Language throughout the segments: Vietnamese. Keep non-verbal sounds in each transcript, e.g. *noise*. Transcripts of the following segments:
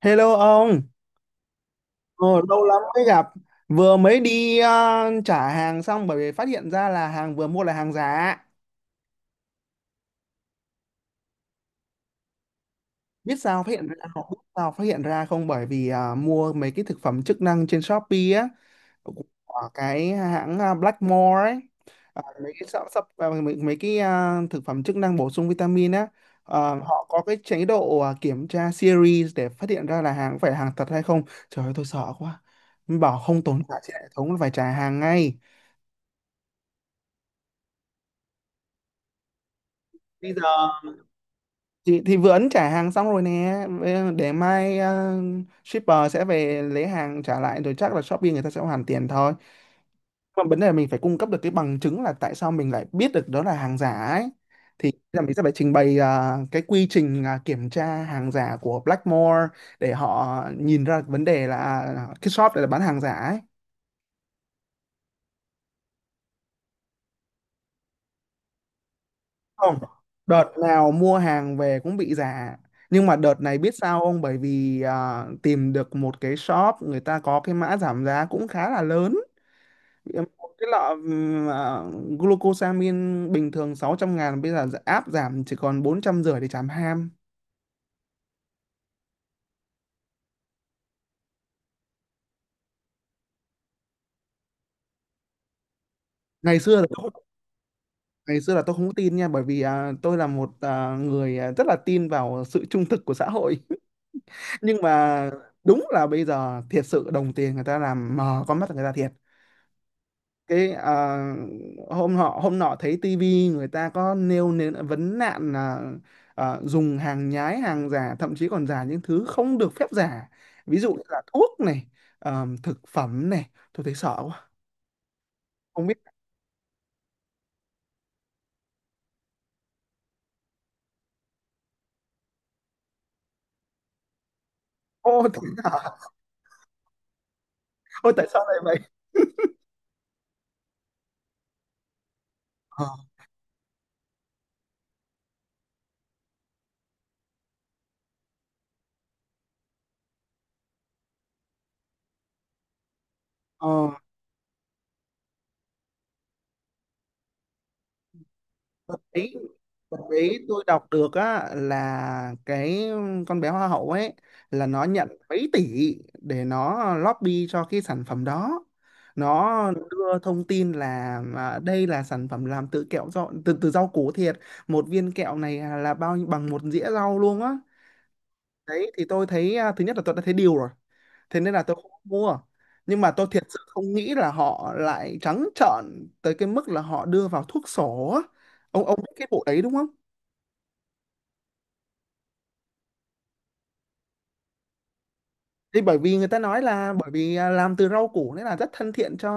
Hello ông, ờ, lâu lắm mới gặp. Vừa mới đi trả hàng xong bởi vì phát hiện ra là hàng vừa mua là hàng giả. Biết sao phát hiện ra không? Biết sao phát hiện ra không? Bởi vì mua mấy cái thực phẩm chức năng trên Shopee á, của cái hãng Blackmore ấy. Mấy cái sắp, sắp ờ, mấy, mấy cái ờ, thực phẩm chức năng bổ sung vitamin á, họ có cái chế độ kiểm tra series để phát hiện ra là hàng có phải là hàng thật hay không. Trời ơi, tôi sợ quá. Bảo không tồn tại trên hệ thống là phải trả hàng ngay. Bây giờ thì vừa ấn trả hàng xong rồi nè. Để mai shipper sẽ về lấy hàng trả lại rồi chắc là Shopee người ta sẽ hoàn tiền thôi, mà vấn đề là mình phải cung cấp được cái bằng chứng là tại sao mình lại biết được đó là hàng giả ấy. Thì là mình sẽ phải trình bày cái quy trình kiểm tra hàng giả của Blackmore để họ nhìn ra vấn đề là cái shop này là bán hàng giả ấy. Không, đợt nào mua hàng về cũng bị giả, nhưng mà đợt này biết sao không, bởi vì tìm được một cái shop người ta có cái mã giảm giá cũng khá là lớn. Một cái lọ glucosamine bình thường 600.000 bây giờ áp giảm chỉ còn 450.000 để trảm ham. ngày xưa là tôi, Ngày xưa là tôi không có tin nha, bởi vì tôi là một người rất là tin vào sự trung thực của xã hội *laughs* nhưng mà đúng là bây giờ thiệt sự đồng tiền người ta làm mờ con mắt người ta thiệt. cái à, Hôm hôm nọ thấy tivi người ta có nêu nên vấn nạn là dùng hàng nhái hàng giả, thậm chí còn giả những thứ không được phép giả, ví dụ như là thuốc này, thực phẩm này, tôi thấy sợ quá. Không biết. Ô, *laughs* thế hả? Ôi, tại sao lại vậy. ờ ờ, Tập ấy Tập ấy tôi đọc được á là cái con bé hoa hậu ấy là nó nhận mấy tỷ để nó lobby cho cái sản phẩm đó. Nó đưa thông tin là đây là sản phẩm làm từ kẹo rau, từ từ rau củ thiệt, một viên kẹo này là bằng một dĩa rau luôn á. Đấy, thì tôi thấy thứ nhất là tôi đã thấy điều rồi, thế nên là tôi không mua, nhưng mà tôi thiệt sự không nghĩ là họ lại trắng trợn tới cái mức là họ đưa vào thuốc sổ á. Ông biết cái vụ đấy đúng không? Thì bởi vì người ta nói là bởi vì làm từ rau củ nên là rất thân thiện cho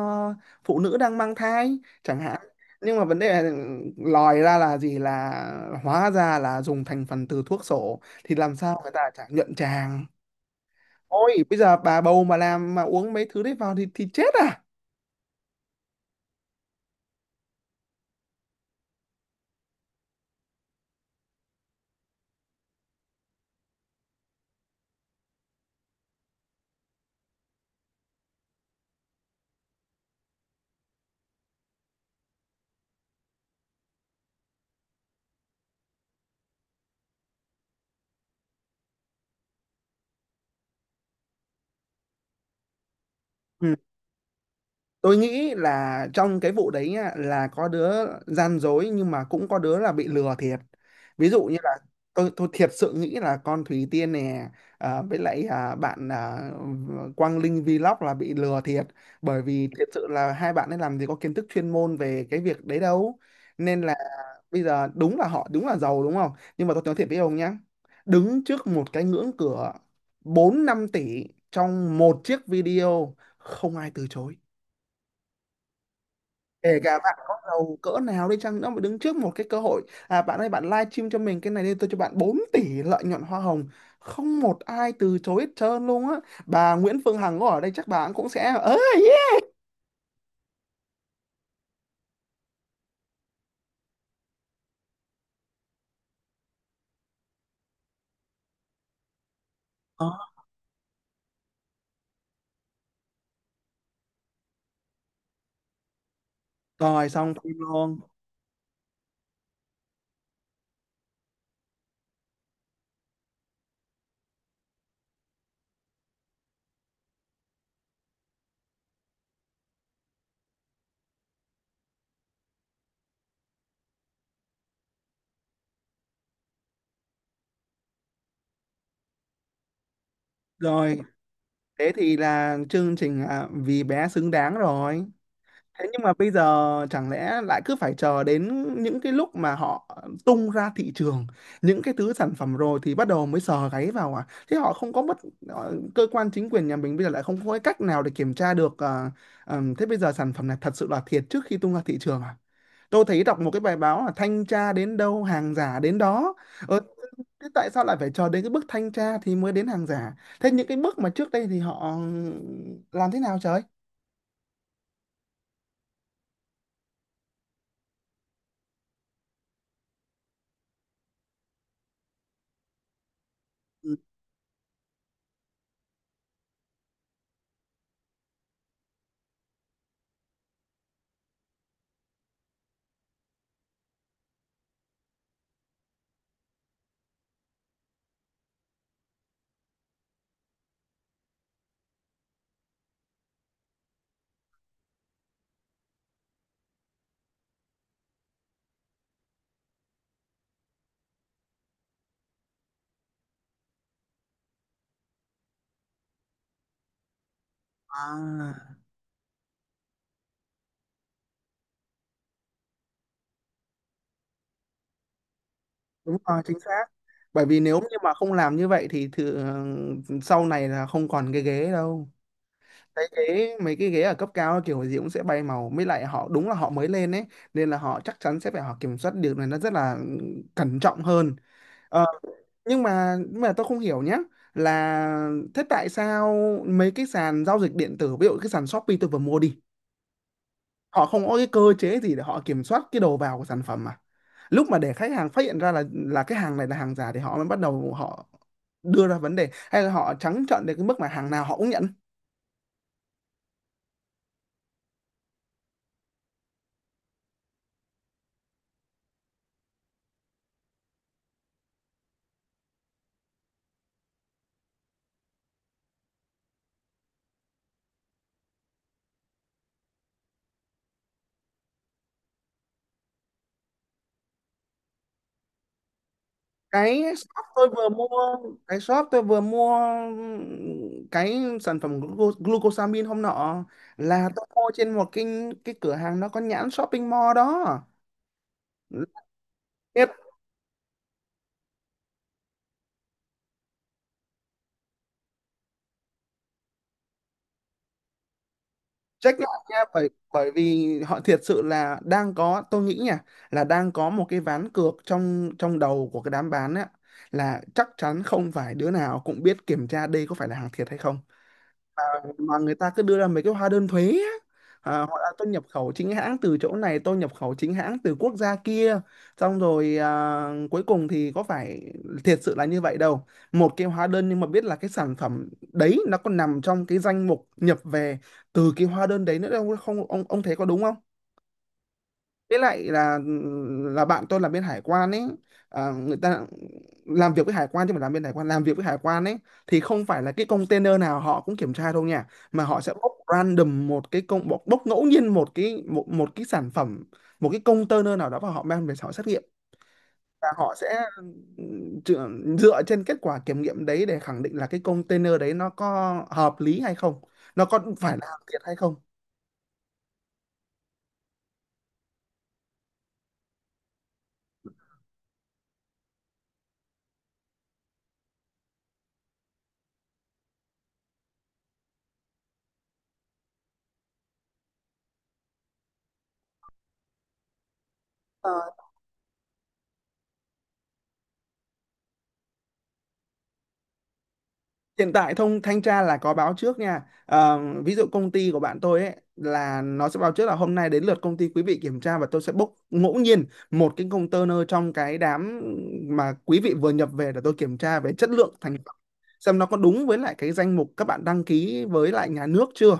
phụ nữ đang mang thai chẳng hạn. Nhưng mà vấn đề là lòi ra là gì, là hóa ra là dùng thành phần từ thuốc sổ thì làm sao người ta chả nhuận tràng. Ôi bây giờ bà bầu mà làm mà uống mấy thứ đấy vào thì chết à. Ừ. Tôi nghĩ là trong cái vụ đấy nhá, là có đứa gian dối nhưng mà cũng có đứa là bị lừa thiệt, ví dụ như là tôi thiệt sự nghĩ là con Thủy Tiên nè, với lại bạn Quang Linh Vlog là bị lừa thiệt, bởi vì thiệt sự là hai bạn ấy làm gì có kiến thức chuyên môn về cái việc đấy đâu. Nên là bây giờ đúng là họ đúng là giàu đúng không, nhưng mà tôi nói thiệt với ông nhá, đứng trước một cái ngưỡng cửa 4-5 tỷ trong một chiếc video không ai từ chối. Kể cả bạn có giàu cỡ nào đi chăng nữa mà đứng trước một cái cơ hội, à bạn ơi bạn live stream cho mình cái này đi, tôi cho bạn 4 tỷ lợi nhuận hoa hồng, không một ai từ chối hết trơn luôn á. Bà Nguyễn Phương Hằng có ở đây chắc bà cũng sẽ ơ, yeah. Đó, rồi xong phim luôn. Rồi thế thì là chương trình vì bé xứng đáng rồi. Thế nhưng mà bây giờ chẳng lẽ lại cứ phải chờ đến những cái lúc mà họ tung ra thị trường những cái thứ sản phẩm rồi thì bắt đầu mới sờ gáy vào à? Thế họ không có cơ quan chính quyền nhà mình bây giờ lại không có cái cách nào để kiểm tra được thế bây giờ sản phẩm này thật sự là thiệt trước khi tung ra thị trường à? Tôi thấy đọc một cái bài báo là thanh tra đến đâu hàng giả đến đó. Ờ, thế tại sao lại phải chờ đến cái bước thanh tra thì mới đến hàng giả? Thế những cái bước mà trước đây thì họ làm thế nào trời? Ừ. À. Đúng rồi, chính xác. Bởi vì nếu như mà không làm như vậy thì thử, sau này là không còn cái ghế đâu, cái ghế mấy cái ghế ở cấp cao kiểu gì cũng sẽ bay màu mới lại họ đúng là họ mới lên ấy, nên là họ chắc chắn sẽ phải họ kiểm soát điều này nó rất là cẩn trọng hơn. Ờ, nhưng mà tôi không hiểu nhá, là thế tại sao mấy cái sàn giao dịch điện tử ví dụ cái sàn Shopee tôi vừa mua đi họ không có cái cơ chế gì để họ kiểm soát cái đầu vào của sản phẩm, mà lúc mà để khách hàng phát hiện ra là cái hàng này là hàng giả thì họ mới bắt đầu họ đưa ra vấn đề, hay là họ trắng trợn đến cái mức mà hàng nào họ cũng nhận. cái shop tôi vừa mua cái shop tôi vừa mua cái sản phẩm glucosamine hôm nọ là tôi mua trên một cái cửa hàng nó có nhãn shopping mall đó. Check lại nha, bởi bởi vì họ thiệt sự là đang có, tôi nghĩ nha, là đang có một cái ván cược trong trong đầu của cái đám bán á, là chắc chắn không phải đứa nào cũng biết kiểm tra đây có phải là hàng thiệt hay không, mà người ta cứ đưa ra mấy cái hóa đơn thuế á. À, họ đã tôi nhập khẩu chính hãng từ chỗ này, tôi nhập khẩu chính hãng từ quốc gia kia, xong rồi cuối cùng thì có phải thiệt sự là như vậy đâu. Một cái hóa đơn nhưng mà biết là cái sản phẩm đấy nó còn nằm trong cái danh mục nhập về từ cái hóa đơn đấy nữa đâu, không ông ông thấy có đúng không? Với lại là bạn tôi làm bên hải quan ấy, người ta làm việc với hải quan, chứ mà làm bên hải quan làm việc với hải quan ấy thì không phải là cái container nào họ cũng kiểm tra đâu nha, mà họ sẽ bốc random một cái công bốc ngẫu nhiên một cái một cái sản phẩm một cái container nào đó và họ mang về họ xét nghiệm, và họ sẽ dựa dựa trên kết quả kiểm nghiệm đấy để khẳng định là cái container đấy nó có hợp lý hay không, nó có phải là hàng thiệt hay không. Ờ, hiện tại thông thanh tra là có báo trước nha. Ờ, ví dụ công ty của bạn tôi ấy là nó sẽ báo trước là hôm nay đến lượt công ty quý vị kiểm tra, và tôi sẽ bốc ngẫu nhiên một cái container trong cái đám mà quý vị vừa nhập về để tôi kiểm tra về chất lượng thành phẩm, xem nó có đúng với lại cái danh mục các bạn đăng ký với lại nhà nước chưa.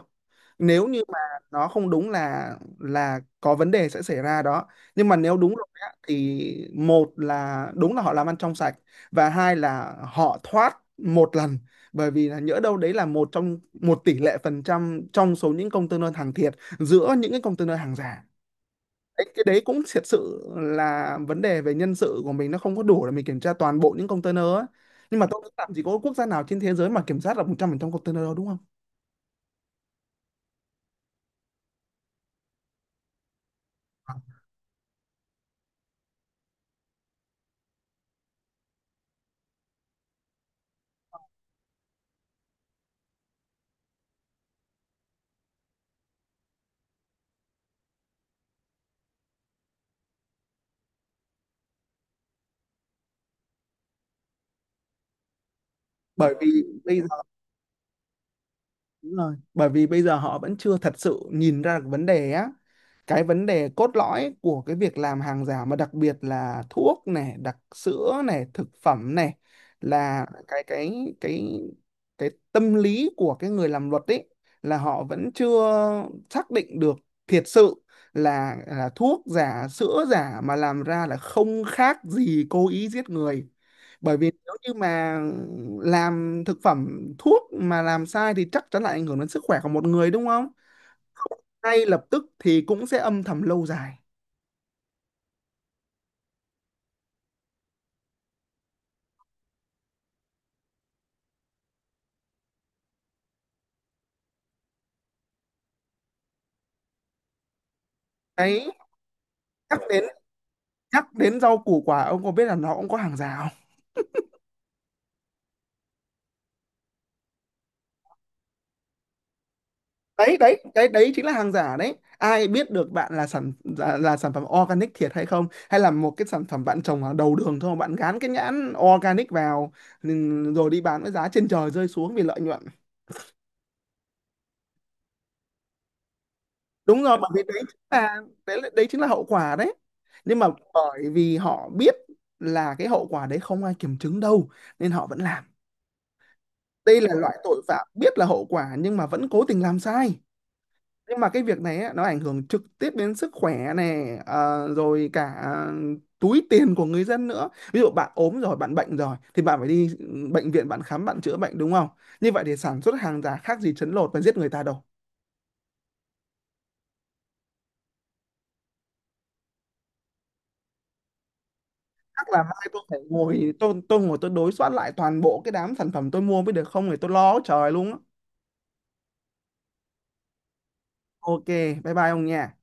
Nếu như mà nó không đúng là có vấn đề sẽ xảy ra đó. Nhưng mà nếu đúng rồi á, thì một là đúng là họ làm ăn trong sạch, và hai là họ thoát một lần, bởi vì là nhỡ đâu đấy là một trong một tỷ lệ phần trăm trong số những container hàng thiệt giữa những cái container hàng giả. Đấy, cái đấy cũng thiệt sự là vấn đề về nhân sự của mình nó không có đủ để mình kiểm tra toàn bộ những container ấy. Nhưng mà tôi nghĩ làm gì có quốc gia nào trên thế giới mà kiểm soát được 100% container đâu, đúng không? Bởi vì bây giờ Đúng rồi, bởi vì bây giờ họ vẫn chưa thật sự nhìn ra được vấn đề á, cái vấn đề cốt lõi của cái việc làm hàng giả mà đặc biệt là thuốc này, đặc sữa này, thực phẩm này, là cái tâm lý của cái người làm luật ấy là họ vẫn chưa xác định được thiệt sự là thuốc giả, sữa giả mà làm ra là không khác gì cố ý giết người. Bởi vì nếu như mà làm thực phẩm thuốc mà làm sai thì chắc chắn lại ảnh hưởng đến sức khỏe của một người đúng không? Ngay lập tức thì cũng sẽ âm thầm lâu dài. Đấy, nhắc đến nhắc đến rau củ quả ông có biết là nó cũng có hàng giả không? Đấy đấy đấy đấy chính là hàng giả đấy, ai biết được bạn là sản phẩm organic thiệt hay không, hay là một cái sản phẩm bạn trồng ở đầu đường thôi bạn gán cái nhãn organic vào, rồi đi bán với giá trên trời rơi xuống vì lợi nhuận. Đúng rồi, bởi vì đấy chính là đấy chính là hậu quả đấy. Nhưng mà bởi vì họ biết là cái hậu quả đấy không ai kiểm chứng đâu nên họ vẫn làm, đây là loại tội phạm biết là hậu quả nhưng mà vẫn cố tình làm sai. Nhưng mà cái việc này á, nó ảnh hưởng trực tiếp đến sức khỏe này, rồi cả túi tiền của người dân nữa, ví dụ bạn ốm rồi bạn bệnh rồi thì bạn phải đi bệnh viện, bạn khám, bạn chữa bệnh đúng không? Như vậy thì sản xuất hàng giả khác gì trấn lột và giết người ta đâu. Chắc là mai tôi phải ngồi tôi ngồi tôi đối soát lại toàn bộ cái đám sản phẩm tôi mua mới được, không thì tôi lo trời luôn á. Ok, bye bye ông nha.